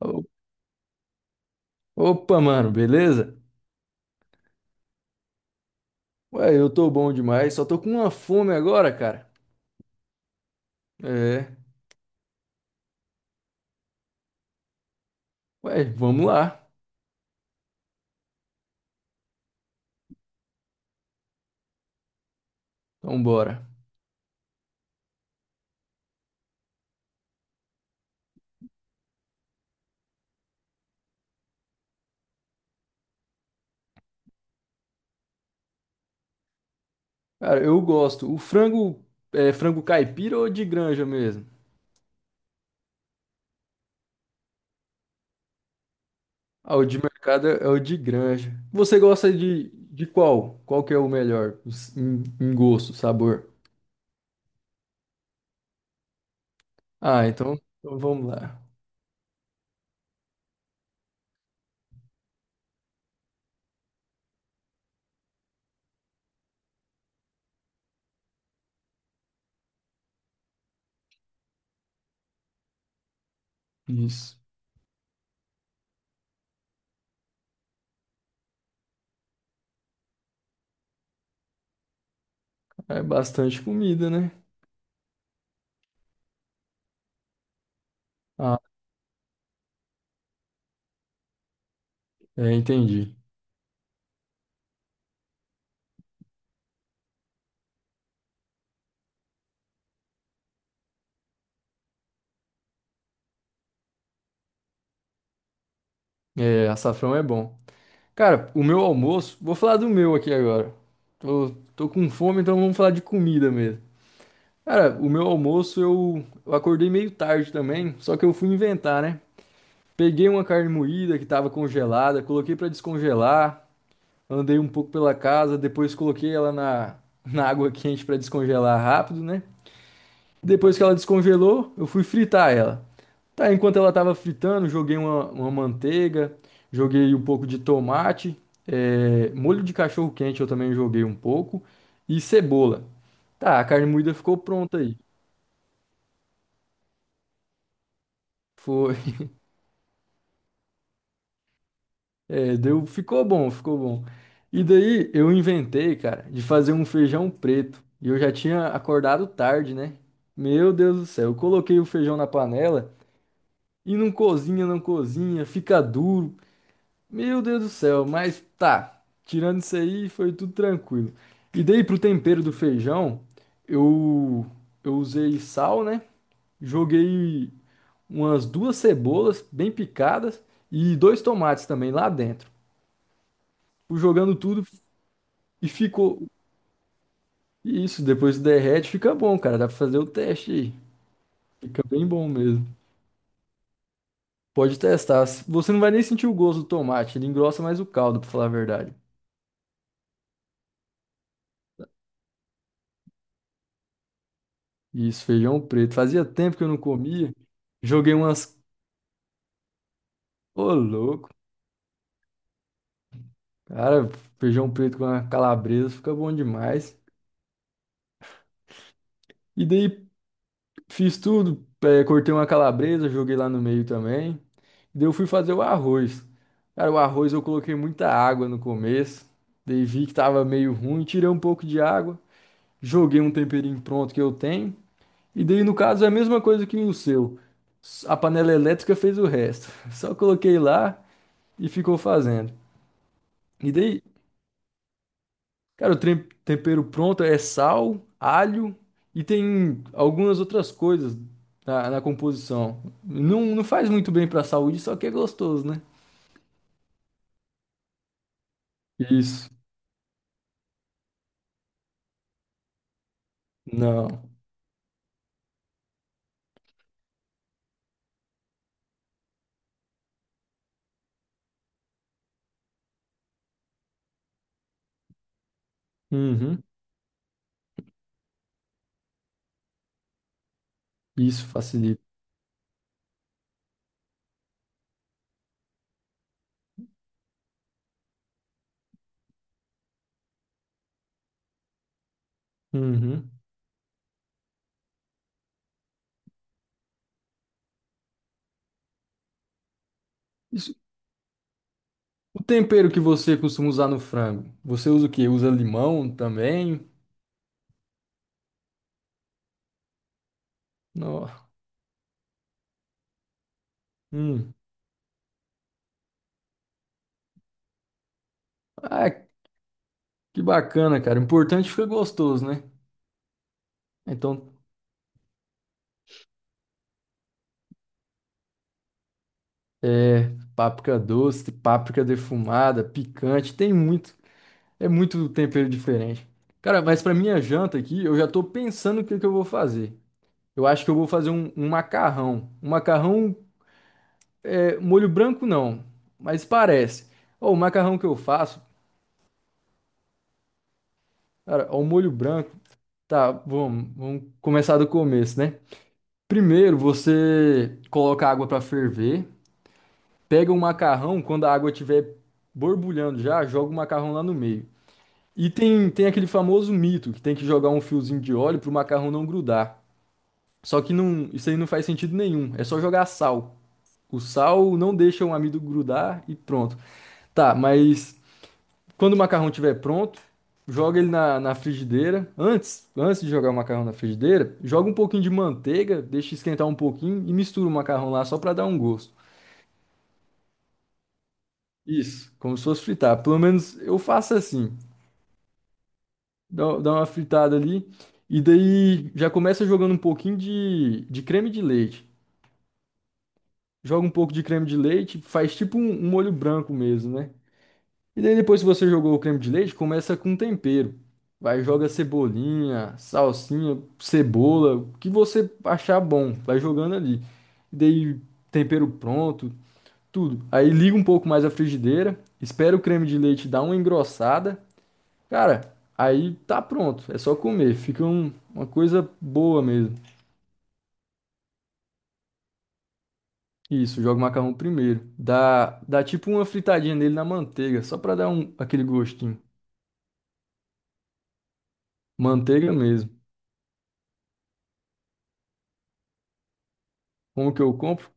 O- Opa, mano, beleza? Ué, eu tô bom demais, só tô com uma fome agora, cara. É. Ué, vamos lá. Então bora. Cara, eu gosto. O frango é frango caipira ou de granja mesmo? Ah, o de mercado é o de granja. Você gosta de qual? Qual que é o melhor em gosto, sabor? Ah, então vamos lá. Isso. É bastante comida, né? Ah, é, entendi. É, açafrão é bom. Cara, o meu almoço, vou falar do meu aqui agora. Tô com fome, então vamos falar de comida mesmo. Cara, o meu almoço eu acordei meio tarde também, só que eu fui inventar, né? Peguei uma carne moída que tava congelada, coloquei pra descongelar, andei um pouco pela casa, depois coloquei ela na água quente pra descongelar rápido, né? Depois que ela descongelou, eu fui fritar ela. Tá, enquanto ela tava fritando, joguei uma manteiga, joguei um pouco de tomate, molho de cachorro quente eu também joguei um pouco e cebola. Tá, a carne moída ficou pronta aí. Foi, é, deu, ficou bom, ficou bom. E daí eu inventei, cara, de fazer um feijão preto. E eu já tinha acordado tarde, né? Meu Deus do céu, eu coloquei o feijão na panela e não cozinha, não cozinha, fica duro. Meu Deus do céu, mas tá. Tirando isso aí, foi tudo tranquilo. E daí pro tempero do feijão, eu eu usei sal, né? Joguei umas duas cebolas bem picadas e dois tomates também lá dentro. Fui jogando tudo e ficou isso, depois derrete, fica bom, cara. Dá pra fazer o teste aí. Fica bem bom mesmo. Pode testar. Você não vai nem sentir o gosto do tomate, ele engrossa mais o caldo, pra falar a verdade. Isso, feijão preto. Fazia tempo que eu não comia. Joguei umas. Ô, louco. Cara, feijão preto com a calabresa fica bom demais. E daí fiz tudo. Cortei uma calabresa, joguei lá no meio também. E daí eu fui fazer o arroz. Cara, o arroz eu coloquei muita água no começo. Daí vi que tava meio ruim, tirei um pouco de água. Joguei um temperinho pronto que eu tenho. E daí, no caso, é a mesma coisa que o seu. A panela elétrica fez o resto. Só coloquei lá e ficou fazendo. E daí, cara, o tempero pronto é sal, alho e tem algumas outras coisas na composição. Não faz muito bem pra saúde, só que é gostoso, né? Isso. Não. Uhum. Isso facilita. Uhum. Isso. O tempero que você costuma usar no frango, você usa o quê? Usa limão também? Não. Hum. Ah, que bacana, cara. O importante fica gostoso, né? Então, páprica doce, páprica defumada, picante, tem muito. É muito tempero diferente. Cara, mas pra minha janta aqui, eu já tô pensando o que que eu vou fazer. Eu acho que eu vou fazer um macarrão. Um macarrão é molho branco não, mas parece. Ó, o macarrão que eu faço, cara, ó, o molho branco. Tá, vamos começar do começo, né? Primeiro, você coloca a água pra ferver, pega o macarrão, quando a água estiver borbulhando já, joga o macarrão lá no meio. E tem aquele famoso mito que tem que jogar um fiozinho de óleo pro macarrão não grudar. Só que não, isso aí não faz sentido nenhum. É só jogar sal. O sal não deixa o amido grudar e pronto. Tá, mas quando o macarrão estiver pronto, joga ele na frigideira. Antes de jogar o macarrão na frigideira, joga um pouquinho de manteiga, deixa esquentar um pouquinho e mistura o macarrão lá só para dar um gosto. Isso, como se fosse fritar. Pelo menos eu faço assim. Dá uma fritada ali. E daí já começa jogando um pouquinho de creme de leite. Joga um pouco de creme de leite, faz tipo um molho branco mesmo, né? E daí depois que você jogou o creme de leite, começa com tempero. Vai, joga cebolinha, salsinha, cebola, o que você achar bom, vai jogando ali. E daí tempero pronto, tudo. Aí liga um pouco mais a frigideira, espera o creme de leite dar uma engrossada. Cara, aí tá pronto, é só comer, fica uma coisa boa mesmo. Isso, joga o macarrão primeiro. Dá tipo uma fritadinha nele na manteiga, só pra dar um, aquele gostinho. Manteiga mesmo. Como que eu compro?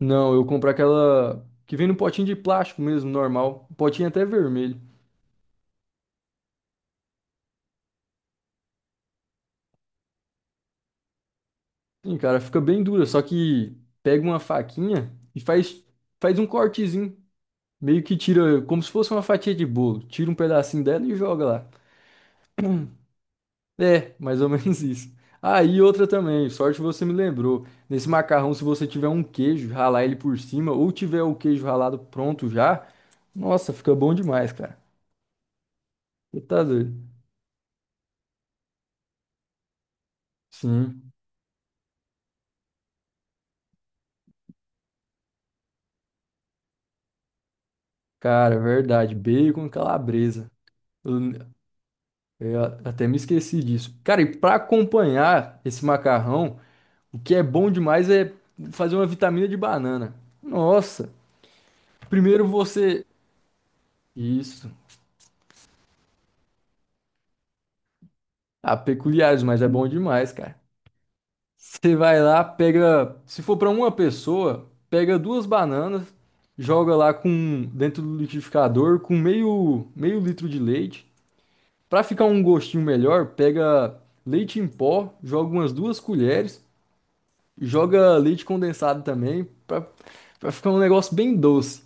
Não, eu compro aquela que vem no potinho de plástico mesmo, normal. O potinho é até vermelho. Sim, cara, fica bem dura, só que pega uma faquinha e faz um cortezinho. Meio que tira, como se fosse uma fatia de bolo. Tira um pedacinho dela e joga lá. É, mais ou menos isso. Aí outra também, sorte você me lembrou. Nesse macarrão, se você tiver um queijo, ralar ele por cima, ou tiver o queijo ralado pronto já, nossa, fica bom demais, cara. Você tá doido? Sim, cara, verdade. Bacon e calabresa. Eu, eu até me esqueci disso. Cara, e pra acompanhar esse macarrão, o que é bom demais é fazer uma vitamina de banana. Nossa, primeiro você. Isso. Ah, peculiares, mas é bom demais, cara. Você vai lá, pega, se for para uma pessoa, pega duas bananas, joga lá com dentro do liquidificador com meio litro de leite. Para ficar um gostinho melhor, pega leite em pó, joga umas duas colheres, joga leite condensado também, para ficar um negócio bem doce.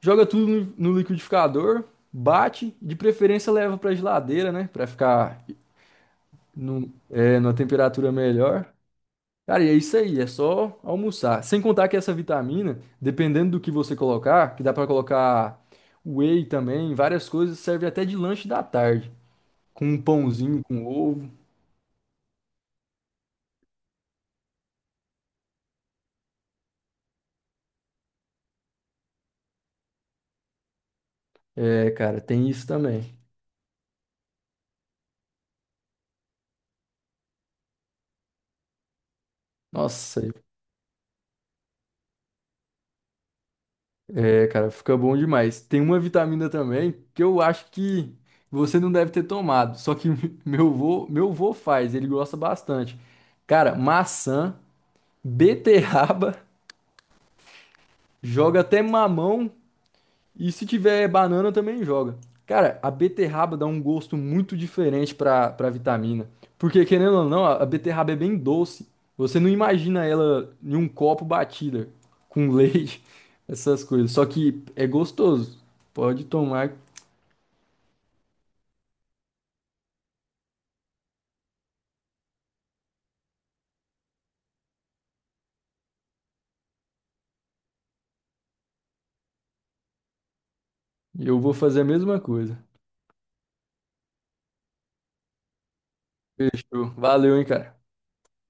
Joga tudo no liquidificador, bate, de preferência leva para geladeira, né, para ficar no, é, numa temperatura melhor. Cara, e é isso aí, é só almoçar. Sem contar que essa vitamina, dependendo do que você colocar, que dá pra colocar whey também, várias coisas, serve até de lanche da tarde, com um pãozinho com ovo. É, cara, tem isso também. Nossa, é, cara, fica bom demais. Tem uma vitamina também que eu acho que você não deve ter tomado, só que meu vô faz, ele gosta bastante. Cara, maçã, beterraba, joga até mamão e se tiver banana também joga. Cara, a beterraba dá um gosto muito diferente pra vitamina. Porque, querendo ou não, a beterraba é bem doce. Você não imagina ela em um copo batida, com leite, essas coisas. Só que é gostoso. Pode tomar. Eu vou fazer a mesma coisa. Fechou. Valeu, hein, cara.